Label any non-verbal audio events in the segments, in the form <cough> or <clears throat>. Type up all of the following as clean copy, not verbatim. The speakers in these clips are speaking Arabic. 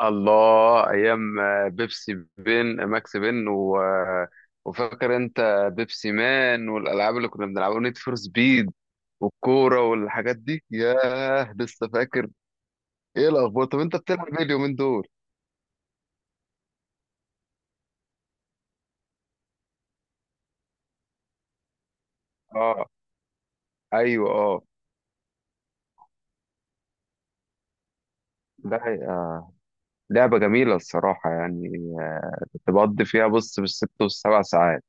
الله ايام بيبسي بن ماكس بن و... آه، وفاكر انت بيبسي مان والالعاب اللي كنا بنلعبها نيد فور سبيد والكوره والحاجات دي ياه لسه فاكر. ايه الاخبار؟ طب انت بتلعب ايه اليومين دول؟ اه، ايوه، اه، ده حقيقة. لعبه جميله الصراحه كنت بقضي فيها بص بالست والسبع ساعات.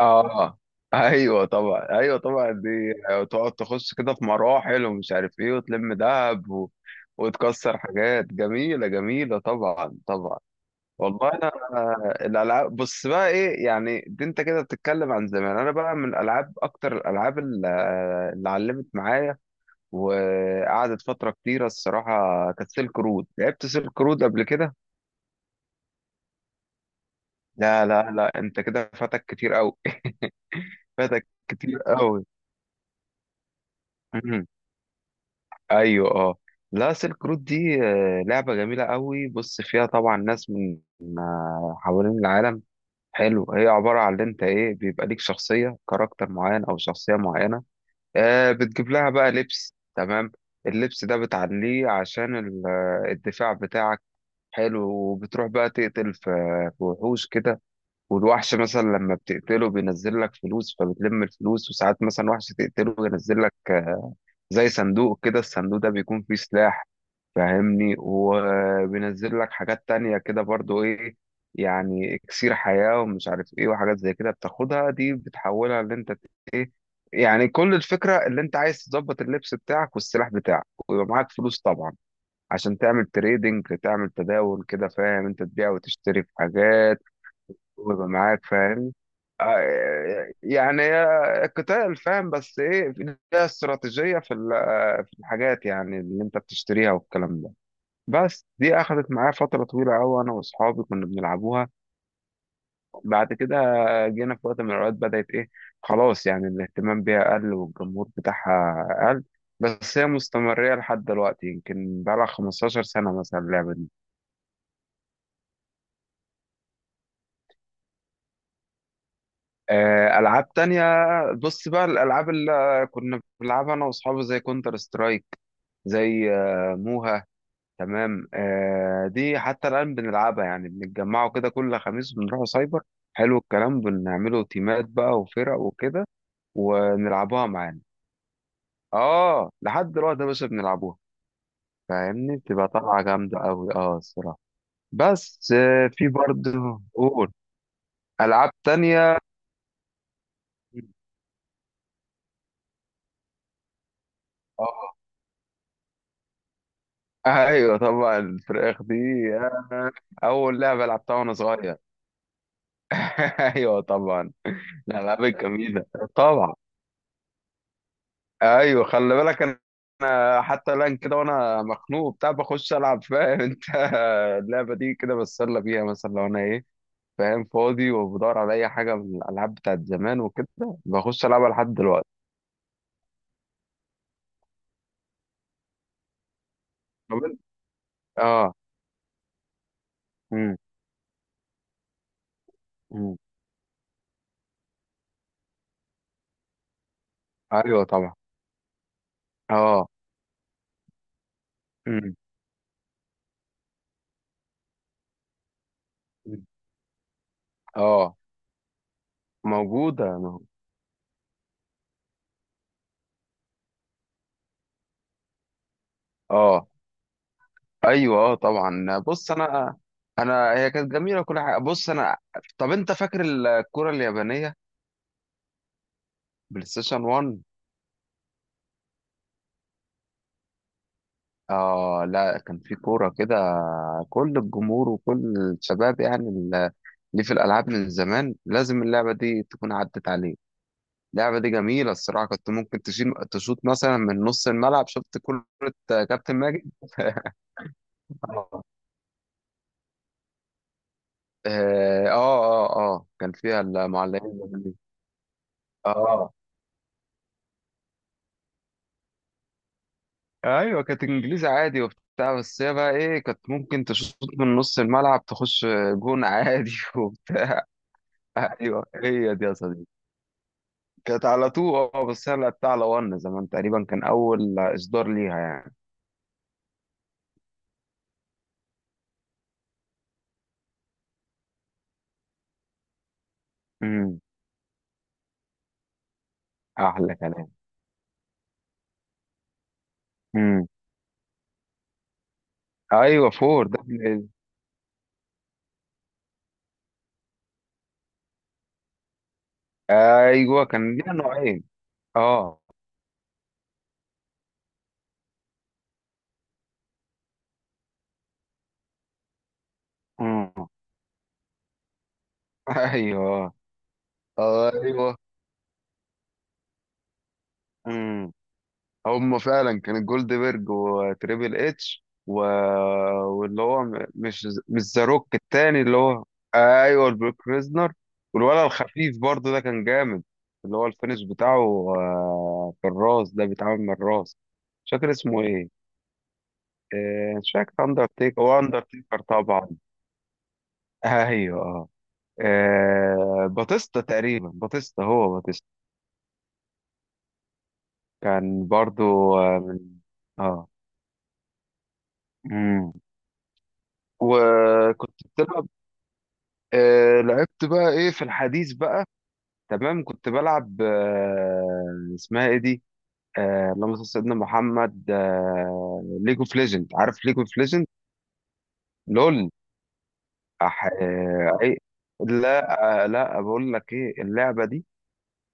اه ايوه طبعا، ايوه طبعا دي تقعد تخش كده في مراحل ومش عارف ايه وتلم دهب وتكسر حاجات جميله جميله، طبعا طبعا. والله انا الالعاب، بص بقى ايه يعني، دي انت كده بتتكلم عن زمان، انا بقى من الالعاب اكتر الالعاب اللي علمت معايا وقعدت فتره كتيره الصراحه كانت سيلك رود. لعبت سيلك رود قبل كده؟ لا انت كده فاتك كتير قوي. <laughs> فاتك كتير قوي. ايوه اه، لا سيلك رود دي لعبه جميله قوي، بص فيها طبعا ناس من حوالين العالم. حلو، هي عبارة عن اللي انت ايه، بيبقى ليك شخصية كاركتر معين او شخصية معينة، آه بتجيب لها بقى لبس. تمام، اللبس ده بتعليه عشان الدفاع بتاعك. حلو، وبتروح بقى تقتل في وحوش كده، والوحش مثلا لما بتقتله بينزل لك فلوس فبتلم الفلوس، وساعات مثلا وحش تقتله ينزل لك زي صندوق كده، الصندوق ده بيكون فيه سلاح، فاهمني، وبينزل لك حاجات تانية كده برضو ايه، يعني اكسير حياة ومش عارف ايه وحاجات زي كده، بتاخدها دي بتحولها اللي انت ايه، يعني كل الفكرة اللي انت عايز تظبط اللبس بتاعك والسلاح بتاعك، ويبقى معاك فلوس طبعا عشان تعمل تريدنج، تعمل تداول كده، فاهم انت، تبيع وتشتري في حاجات ويبقى معاك، فاهم. يعني قتال، فاهم، بس ايه، ليها استراتيجية في في الحاجات يعني اللي انت بتشتريها والكلام ده. بس دي اخذت معايا فترة طويلة قوي، انا واصحابي كنا بنلعبوها. بعد كده جينا في وقت من الاوقات بدأت ايه، خلاص يعني الاهتمام بيها قل والجمهور بتاعها قل. بس هي مستمرة لحد دلوقتي، يمكن بقالها 15 سنة مثلا اللعبة. ألعاب تانية، بص بقى الألعاب اللي كنا بنلعبها أنا وأصحابي زي كونتر سترايك، زي موها. تمام، دي حتى الآن بنلعبها، يعني بنتجمعوا كده كل خميس، بنروحوا سايبر. حلو الكلام، بنعملوا تيمات بقى وفرق وكده ونلعبوها معانا. اه لحد دلوقتي يا باشا بنلعبوها، فاهمني، بتبقى طلعة جامدة أوي اه الصراحة. بس في برضه، قول. ألعاب تانية، اه ايوه طبعا الفراخ دي. آه، اول لعبه لعبتها وانا صغير. <laughs> ايوه طبعا، الالعاب الجميله، طبعا. ايوه خلي بالك، انا أنا حتى الان كده وانا مخنوق بتاع بخش العب، فاهم انت، <laughs> اللعبه دي كده بتسلى بيها مثلا لو انا ايه، فاهم، فاضي وبدور على اي حاجه من الالعاب بتاعت زمان وكده، بخش العبها لحد دلوقتي. طب إنت- اه. امم. أمم. ايوه طبعا. اه. امم. اه. موجوده موجودة. اه ايوه اه طبعا، بص انا، انا هي كانت جميله وكل حاجه، بص انا، طب انت فاكر الكوره اليابانيه؟ بلاي ستيشن 1. اه لا، كان في كوره كده كل الجمهور وكل الشباب اللي في الالعاب من زمان لازم اللعبه دي تكون عدت عليه. اللعبه دي جميله الصراحه، كنت ممكن تشيل تشوط مثلا من نص الملعب شفت كره، كابتن ماجد. <laughs> آه. اه اه اه، كان فيها المعلقين. اه ايوه كانت انجليزي عادي وبتاع، بس هي بقى ايه، كانت ممكن تشوط من نص الملعب تخش جون عادي. <laughs> وبتاع، ايوه هي دي يا صديقي. كانت على تو، اه، بس هي لعبتها على ون زمان تقريبا، كان اول اصدار ليها يعني. امم. احلى كلام. امم. ايوه فور ده ايوه كان ليها نوعين. اه. امم. <laughs> ايوه. ايوه. امم. هم فعلا كان جولدبرج وتريبل اتش واللي هو مش ذا روك التاني اللي هو، ايوه البروك ريزنر. والولد الخفيف برضه ده كان جامد، اللي هو الفينش بتاعه في الراس ده، بيتعمل من الراس. مش فاكر اسمه ايه، مش فاكر اندرتيكر، هو اندرتيكر طبعا. ايوه اه، باتيستا تقريبا، باتيستا، هو باتيستا. كان برضه من، اه، مم. وكنت بتلعب؟ آه لعبت بقى ايه في الحديث بقى، تمام كنت بلعب آه، اسمها ايه دي، آه اللهم صل على سيدنا محمد، آه ليج اوف ليجند. عارف ليج اوف ليجند؟ لول. إيه؟ لا آه، لا بقول لك ايه اللعبة دي،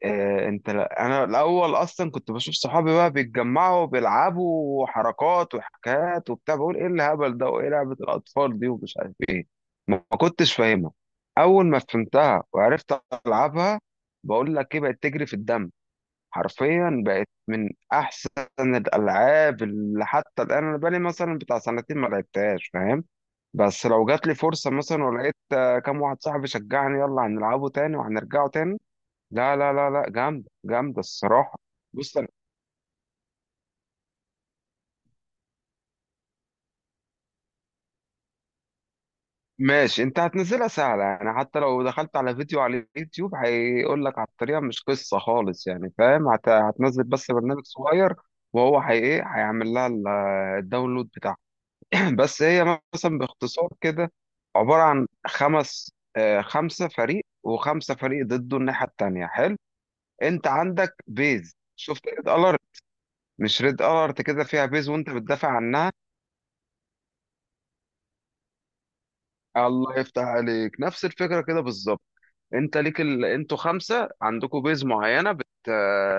انت انا الاول اصلا كنت بشوف صحابي بقى بيتجمعوا وبيلعبوا وحركات وحكايات وبتاع، بقول ايه الهبل ده وايه لعبة الاطفال دي ومش عارف ايه، ما كنتش فاهمها. اول ما فهمتها وعرفت العبها، بقول لك ايه، بقت تجري في الدم حرفيا. بقت من احسن الالعاب، اللي حتى الان انا بقالي مثلا بتاع سنتين ما لعبتهاش، فاهم، بس لو جات لي فرصة مثلا ولقيت كام واحد صاحبي شجعني يلا هنلعبه تاني وهنرجعه تاني. لا جامدة جامدة الصراحة. بص أنا- ماشي، انت هتنزلها سهلة، يعني حتى لو دخلت على فيديو على اليوتيوب هيقول لك على الطريقة، مش قصة خالص يعني، فاهم، هتنزل بس برنامج صغير، وهو هي ايه هيعمل لها الداونلود بتاعها. <clears throat> بس هي مثلا باختصار كده عبارة عن خمسة فريق وخمسة فريق ضده الناحية التانية. حلو، انت عندك بيز، شفت ريد الارت؟ مش ريد الارت كده، فيها بيز وانت بتدافع عنها. الله يفتح عليك، نفس الفكرة كده بالظبط. انتوا خمسة عندكم بيز معينة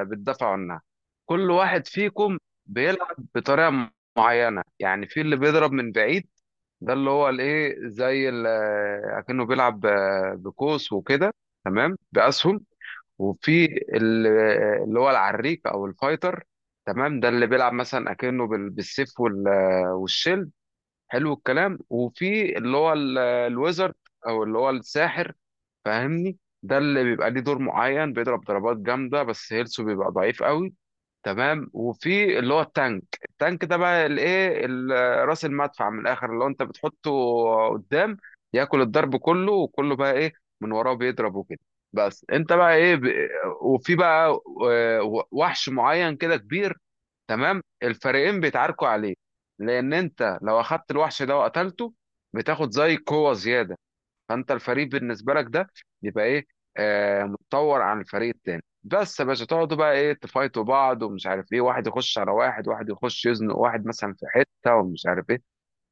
بتدافعوا عنها. كل واحد فيكم بيلعب بطريقة معينة، يعني في اللي بيضرب من بعيد، ده اللي هو الايه اكنه بيلعب بقوس وكده، تمام، بأسهم. وفي ال- اللي هو العريك او الفايتر، تمام، ده اللي بيلعب مثلا اكنه بالسيف والشيل. حلو الكلام، وفي اللي هو الويزرد او اللي هو الساحر، فاهمني، ده اللي بيبقى ليه دور معين، بيضرب ضربات جامده بس هيلثه بيبقى ضعيف قوي. تمام، وفي اللي هو التانك. التانك ده بقى الايه راس المدفع من الاخر، اللي هو انت بتحطه قدام ياكل الضرب كله، وكله بقى ايه من وراه بيضرب وكده. بس انت بقى ايه وفي بقى وحش معين كده كبير، تمام، الفريقين بيتعاركوا عليه، لان انت لو اخدت الوحش ده وقتلته بتاخد زي قوة زيادة، فانت الفريق بالنسبه لك ده يبقى ايه آه متطور عن الفريق التاني. بس يا باشا تقعدوا بقى ايه تفايتوا بعض ومش عارف ايه، واحد يخش على واحد، واحد يخش يزنق واحد مثلا في حته ومش عارف ايه.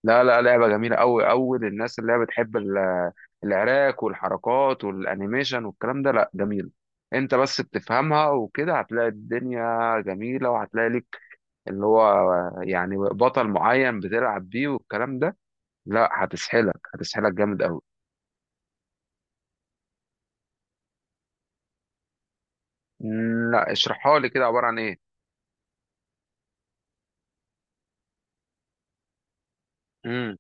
لا لا، لعبه جميله قوي قوي للناس اللي هي بتحب العراك والحركات والانيميشن والكلام ده، لا جميل. انت بس بتفهمها وكده هتلاقي الدنيا جميله، وهتلاقي لك اللي هو يعني بطل معين بتلعب بيه والكلام ده، لا هتسحلك، هتسحلك جامد قوي. مم، لا اشرحها لي كده، عبارة عن ايه؟ امم.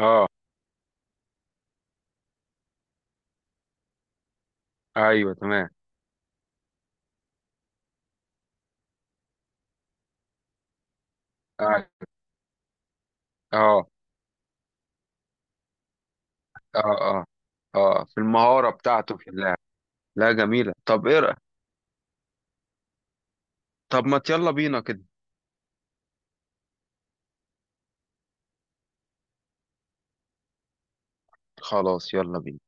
اه ايوه تمام. اه. اه اه. اه، في المهارة بتاعته في اللعب. لا جميلة، طب ما يلا بينا كده. خلاص يلا بينا.